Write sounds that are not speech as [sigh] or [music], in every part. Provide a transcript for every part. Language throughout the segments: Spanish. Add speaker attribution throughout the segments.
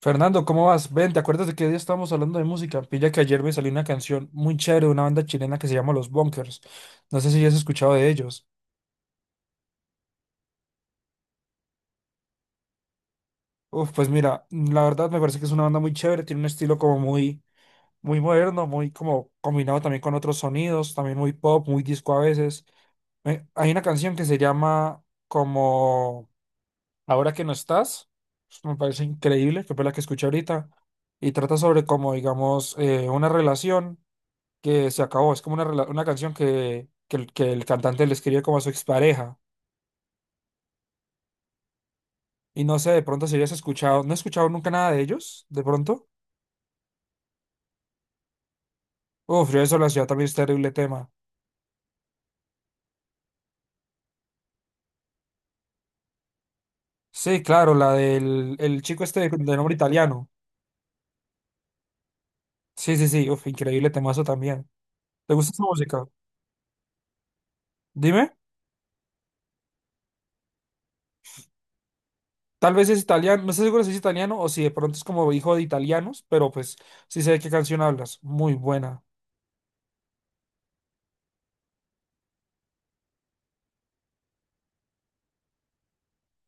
Speaker 1: Fernando, ¿cómo vas? Ven, ¿te acuerdas de que hoy estábamos hablando de música? Pilla que ayer me salió una canción muy chévere de una banda chilena que se llama Los Bunkers. No sé si ya has escuchado de ellos. Pues mira, la verdad me parece que es una banda muy chévere, tiene un estilo como muy moderno, muy como combinado también con otros sonidos, también muy pop, muy disco a veces. Hay una canción que se llama como Ahora que no estás, me parece increíble, que fue la que escuché ahorita, y trata sobre como, digamos, una relación que se acabó. Es como una canción que el cantante le escribe como a su expareja. Y no sé, de pronto si hayas escuchado, no he escuchado nunca nada de ellos, de pronto. Yo eso la ciudad también es terrible tema. Sí, claro, la del el chico este de nombre italiano. Sí, sí, sí, increíble temazo también. ¿Te gusta esa música? Dime. Tal vez es italiano, no estoy seguro si es italiano o si de pronto es como hijo de italianos, pero pues sí sé de qué canción hablas. Muy buena.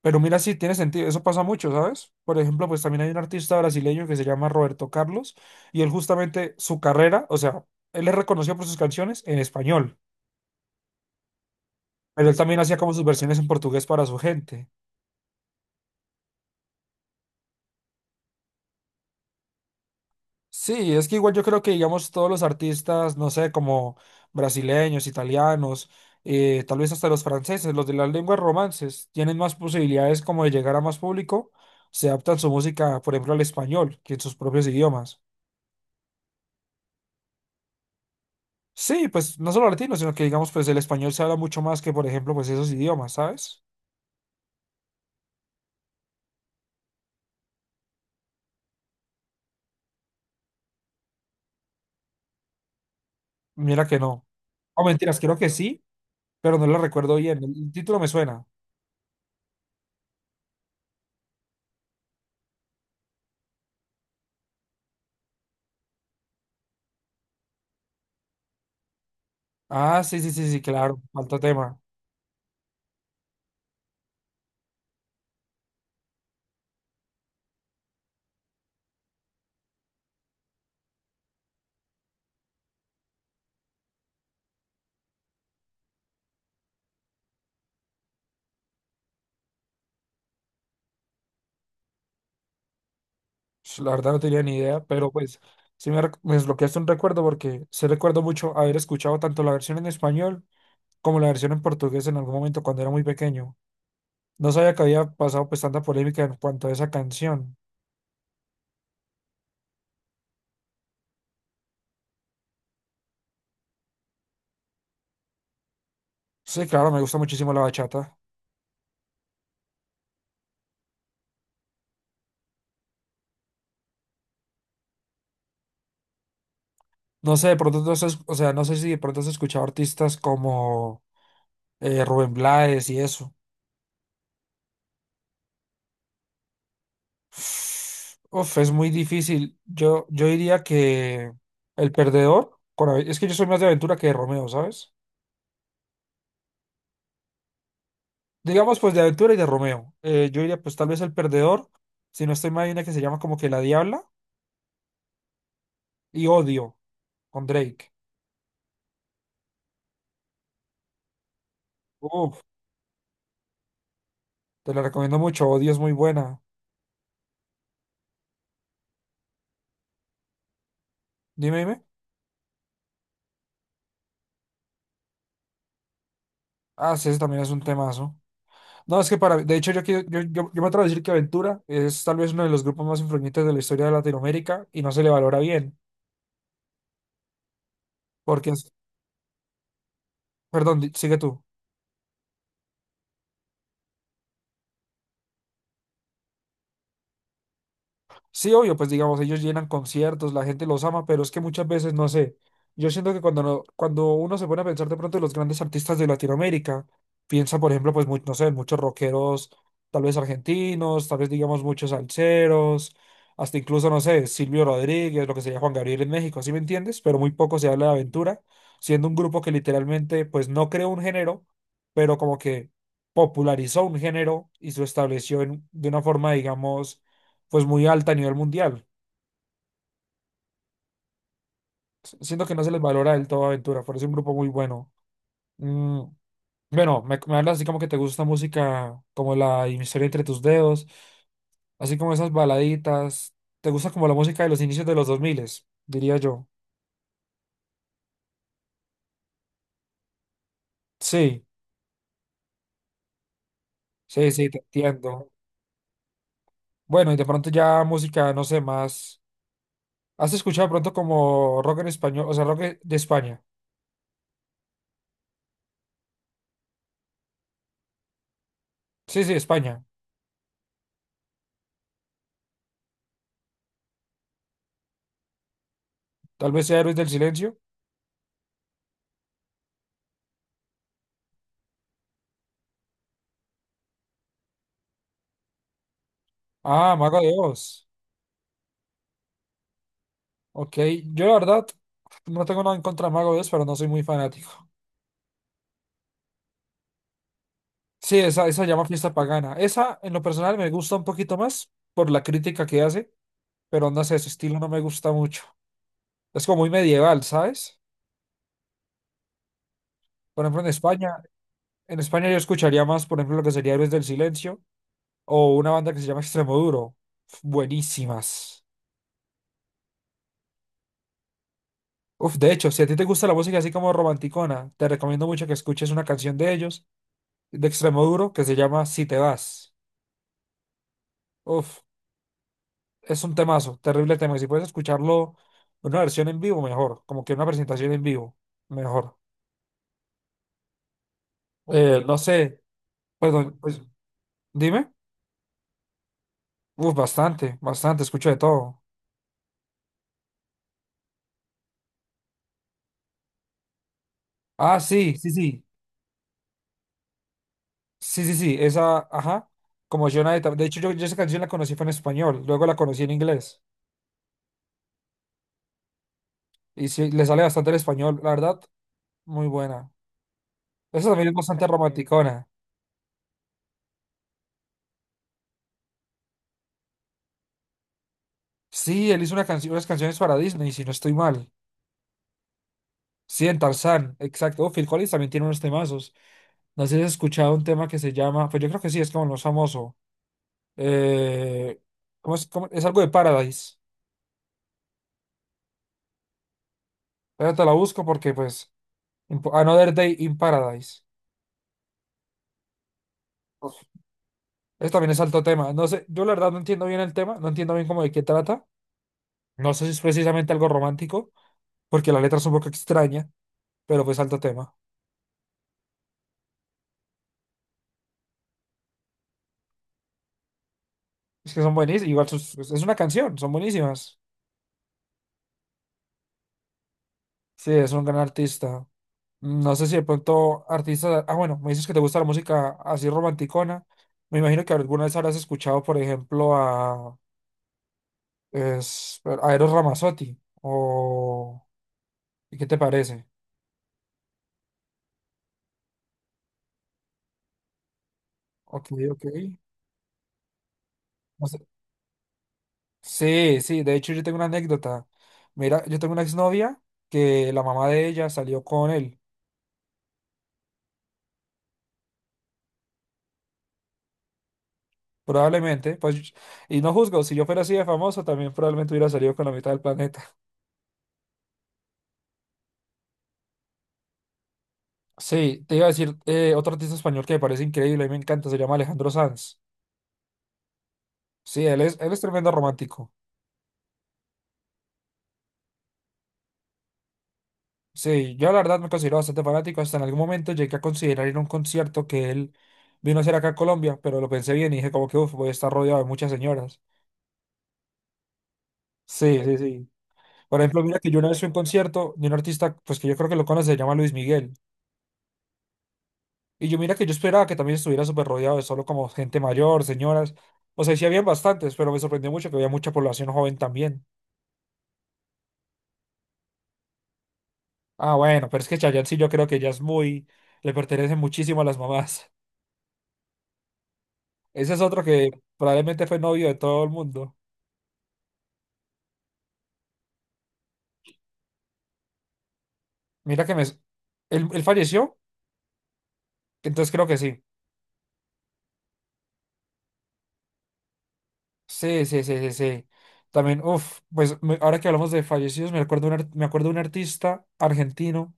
Speaker 1: Pero mira, sí, tiene sentido, eso pasa mucho, ¿sabes? Por ejemplo, pues también hay un artista brasileño que se llama Roberto Carlos y él justamente su carrera, o sea, él es reconocido por sus canciones en español, pero él también hacía como sus versiones en portugués para su gente. Sí, es que igual yo creo que, digamos, todos los artistas, no sé, como brasileños, italianos, tal vez hasta los franceses, los de las lenguas romances, tienen más posibilidades como de llegar a más público, se adaptan su música, por ejemplo, al español, que en sus propios idiomas. Sí, pues no solo latino, sino que digamos, pues el español se habla mucho más que, por ejemplo, pues esos idiomas, ¿sabes? Mira que no. O mentiras, creo que sí, pero no lo recuerdo bien. El título me suena. Ah, sí, sí, sí, sí, claro, falta tema. Pues, la verdad no tenía ni idea, pero pues me desbloqueaste un recuerdo porque sí recuerdo mucho haber escuchado tanto la versión en español como la versión en portugués en algún momento cuando era muy pequeño. No sabía que había pasado pues tanta polémica en cuanto a esa canción. Sí, claro, me gusta muchísimo la bachata. No sé, de pronto o sea, no sé si de pronto has escuchado artistas como Rubén Blades y eso. Es muy difícil. Yo diría que el perdedor, con es que yo soy más de Aventura que de Romeo, ¿sabes? Digamos pues de Aventura y de Romeo. Yo diría pues tal vez el perdedor, si no estoy mal, hay una que se llama como que La Diabla y Odio con Drake. Uf, te la recomiendo mucho, Odio es muy buena. Dime, dime. Ah, sí, ese también es un temazo. No, es que para, de hecho, yo, quiero- yo me atrevo a decir que Aventura es tal vez uno de los grupos más influyentes de la historia de Latinoamérica y no se le valora bien, porque es, perdón, sigue tú. Sí, obvio, pues digamos, ellos llenan conciertos, la gente los ama, pero es que muchas veces, no sé, yo siento que cuando, no- cuando uno se pone a pensar de pronto en los grandes artistas de Latinoamérica, piensa, por ejemplo, pues, no sé, muchos rockeros, tal vez argentinos, tal vez, digamos, muchos salseros, hasta incluso, no sé, Silvio Rodríguez, lo que sería Juan Gabriel en México, ¿sí me entiendes? Pero muy poco se habla de Aventura, siendo un grupo que literalmente, pues, no creó un género, pero como que popularizó un género y se estableció de una forma, digamos, pues muy alta a nivel mundial. Siento que no se les valora del todo Aventura, por es un grupo muy bueno. Mm, bueno, me hablas así como que te gusta música como la historia entre tus dedos, así como esas baladitas. Te gusta como la música de los inicios de los 2000, diría yo. Sí, sí, sí, te entiendo. Bueno, y de pronto ya música, no sé, más. ¿Has escuchado de pronto como rock en español, o sea, rock de España? Sí, sí, España. Tal vez sea Héroes del Silencio. Ah, Mago de Oz. Ok, yo la verdad no tengo nada en contra de Mago de Oz, pero no soy muy fanático. Sí, esa se llama Fiesta Pagana. Esa, en lo personal, me gusta un poquito más por la crítica que hace, pero no sé, su estilo no me gusta mucho. Es como muy medieval, ¿sabes? Por ejemplo, en España yo escucharía más, por ejemplo, lo que sería Héroes del Silencio o una banda que se llama Extremoduro. Buenísimas. De hecho, si a ti te gusta la música así como romanticona, te recomiendo mucho que escuches una canción de ellos, de Extremoduro, que se llama Si te vas. Uf. Es un temazo, terrible tema. Y si puedes escucharlo en una versión en vivo, mejor. Como que una presentación en vivo, mejor. No sé, perdón, pues dime. Bastante, bastante, escucho de todo. Ah, sí, sí, sí. Sí, sí, sí, esa, ajá. Como Jonah De Tab- De hecho, yo esa canción la conocí fue en español, luego la conocí en inglés. Y sí, le sale bastante el español, la verdad, muy buena. Esa también es bastante romanticona. Sí, él hizo una canción, unas canciones para Disney, si no estoy mal. Sí, en Tarzán, exacto. Oh, Phil Collins también tiene unos temazos. No sé si has escuchado un tema que se llama, pues yo creo que sí, es como lo más famoso. Eh, ¿Cómo es, es algo de Paradise. Ahora te la busco porque, pues, Another Day in Paradise. Uf, Eso también es alto tema. No sé, yo la verdad no entiendo bien el tema, no entiendo bien cómo de qué trata. No sé si es precisamente algo romántico, porque la letra es un poco extraña, pero pues alto tema. Es que son buenísimas, igual es una canción, son buenísimas. Sí, es un gran artista. No sé si de pronto artistas. Ah, bueno, me dices que te gusta la música así romanticona. Me imagino que alguna vez habrás escuchado, por ejemplo, a Eros Ramazzotti. O, ¿qué te parece? Ok, ok. No sé. Sí, sí, de hecho yo tengo una anécdota. Mira, yo tengo una exnovia que la mamá de ella salió con él. Probablemente, pues, y no juzgo, si yo fuera así de famoso, también probablemente hubiera salido con la mitad del planeta. Sí, te iba a decir otro artista español que me parece increíble y me encanta, se llama Alejandro Sanz. Sí, él es tremendo romántico. Sí, yo la verdad me considero bastante fanático, hasta en algún momento llegué a considerar ir a un concierto que él vino a hacer acá a Colombia, pero lo pensé bien y dije como que uf, voy a estar rodeado de muchas señoras. Sí, sí, sí. Por ejemplo, mira que yo una vez fui a un concierto de un artista, pues que yo creo que lo conoce, se llama Luis Miguel. Y yo mira que yo esperaba que también estuviera súper rodeado de solo como gente mayor, señoras. O sea, sí habían bastantes, pero me sorprendió mucho que había mucha población joven también. Ah, bueno, pero es que Chayanne sí yo creo que ya es muy, le pertenece muchísimo a las mamás. [laughs] Ese es otro que probablemente fue novio de todo el mundo. Mira que me... s- ¿Él, él falleció? Entonces creo que sí. Sí, sí, sí, sí, sí. También, pues ahora que hablamos de fallecidos, me acuerdo me acuerdo de un artista argentino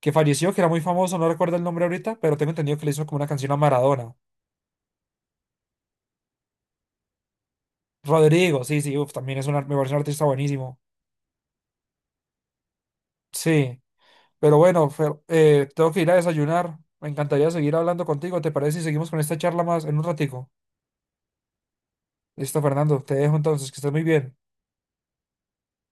Speaker 1: que falleció, que era muy famoso, no recuerdo el nombre ahorita, pero tengo entendido que le hizo como una canción a Maradona. Rodrigo, sí, sí, también es me parece un artista buenísimo. Sí. Pero bueno, Fer, tengo que ir a desayunar. Me encantaría seguir hablando contigo. ¿Te parece si seguimos con esta charla más en un ratico? Listo, Fernando, te dejo entonces, que estés muy bien.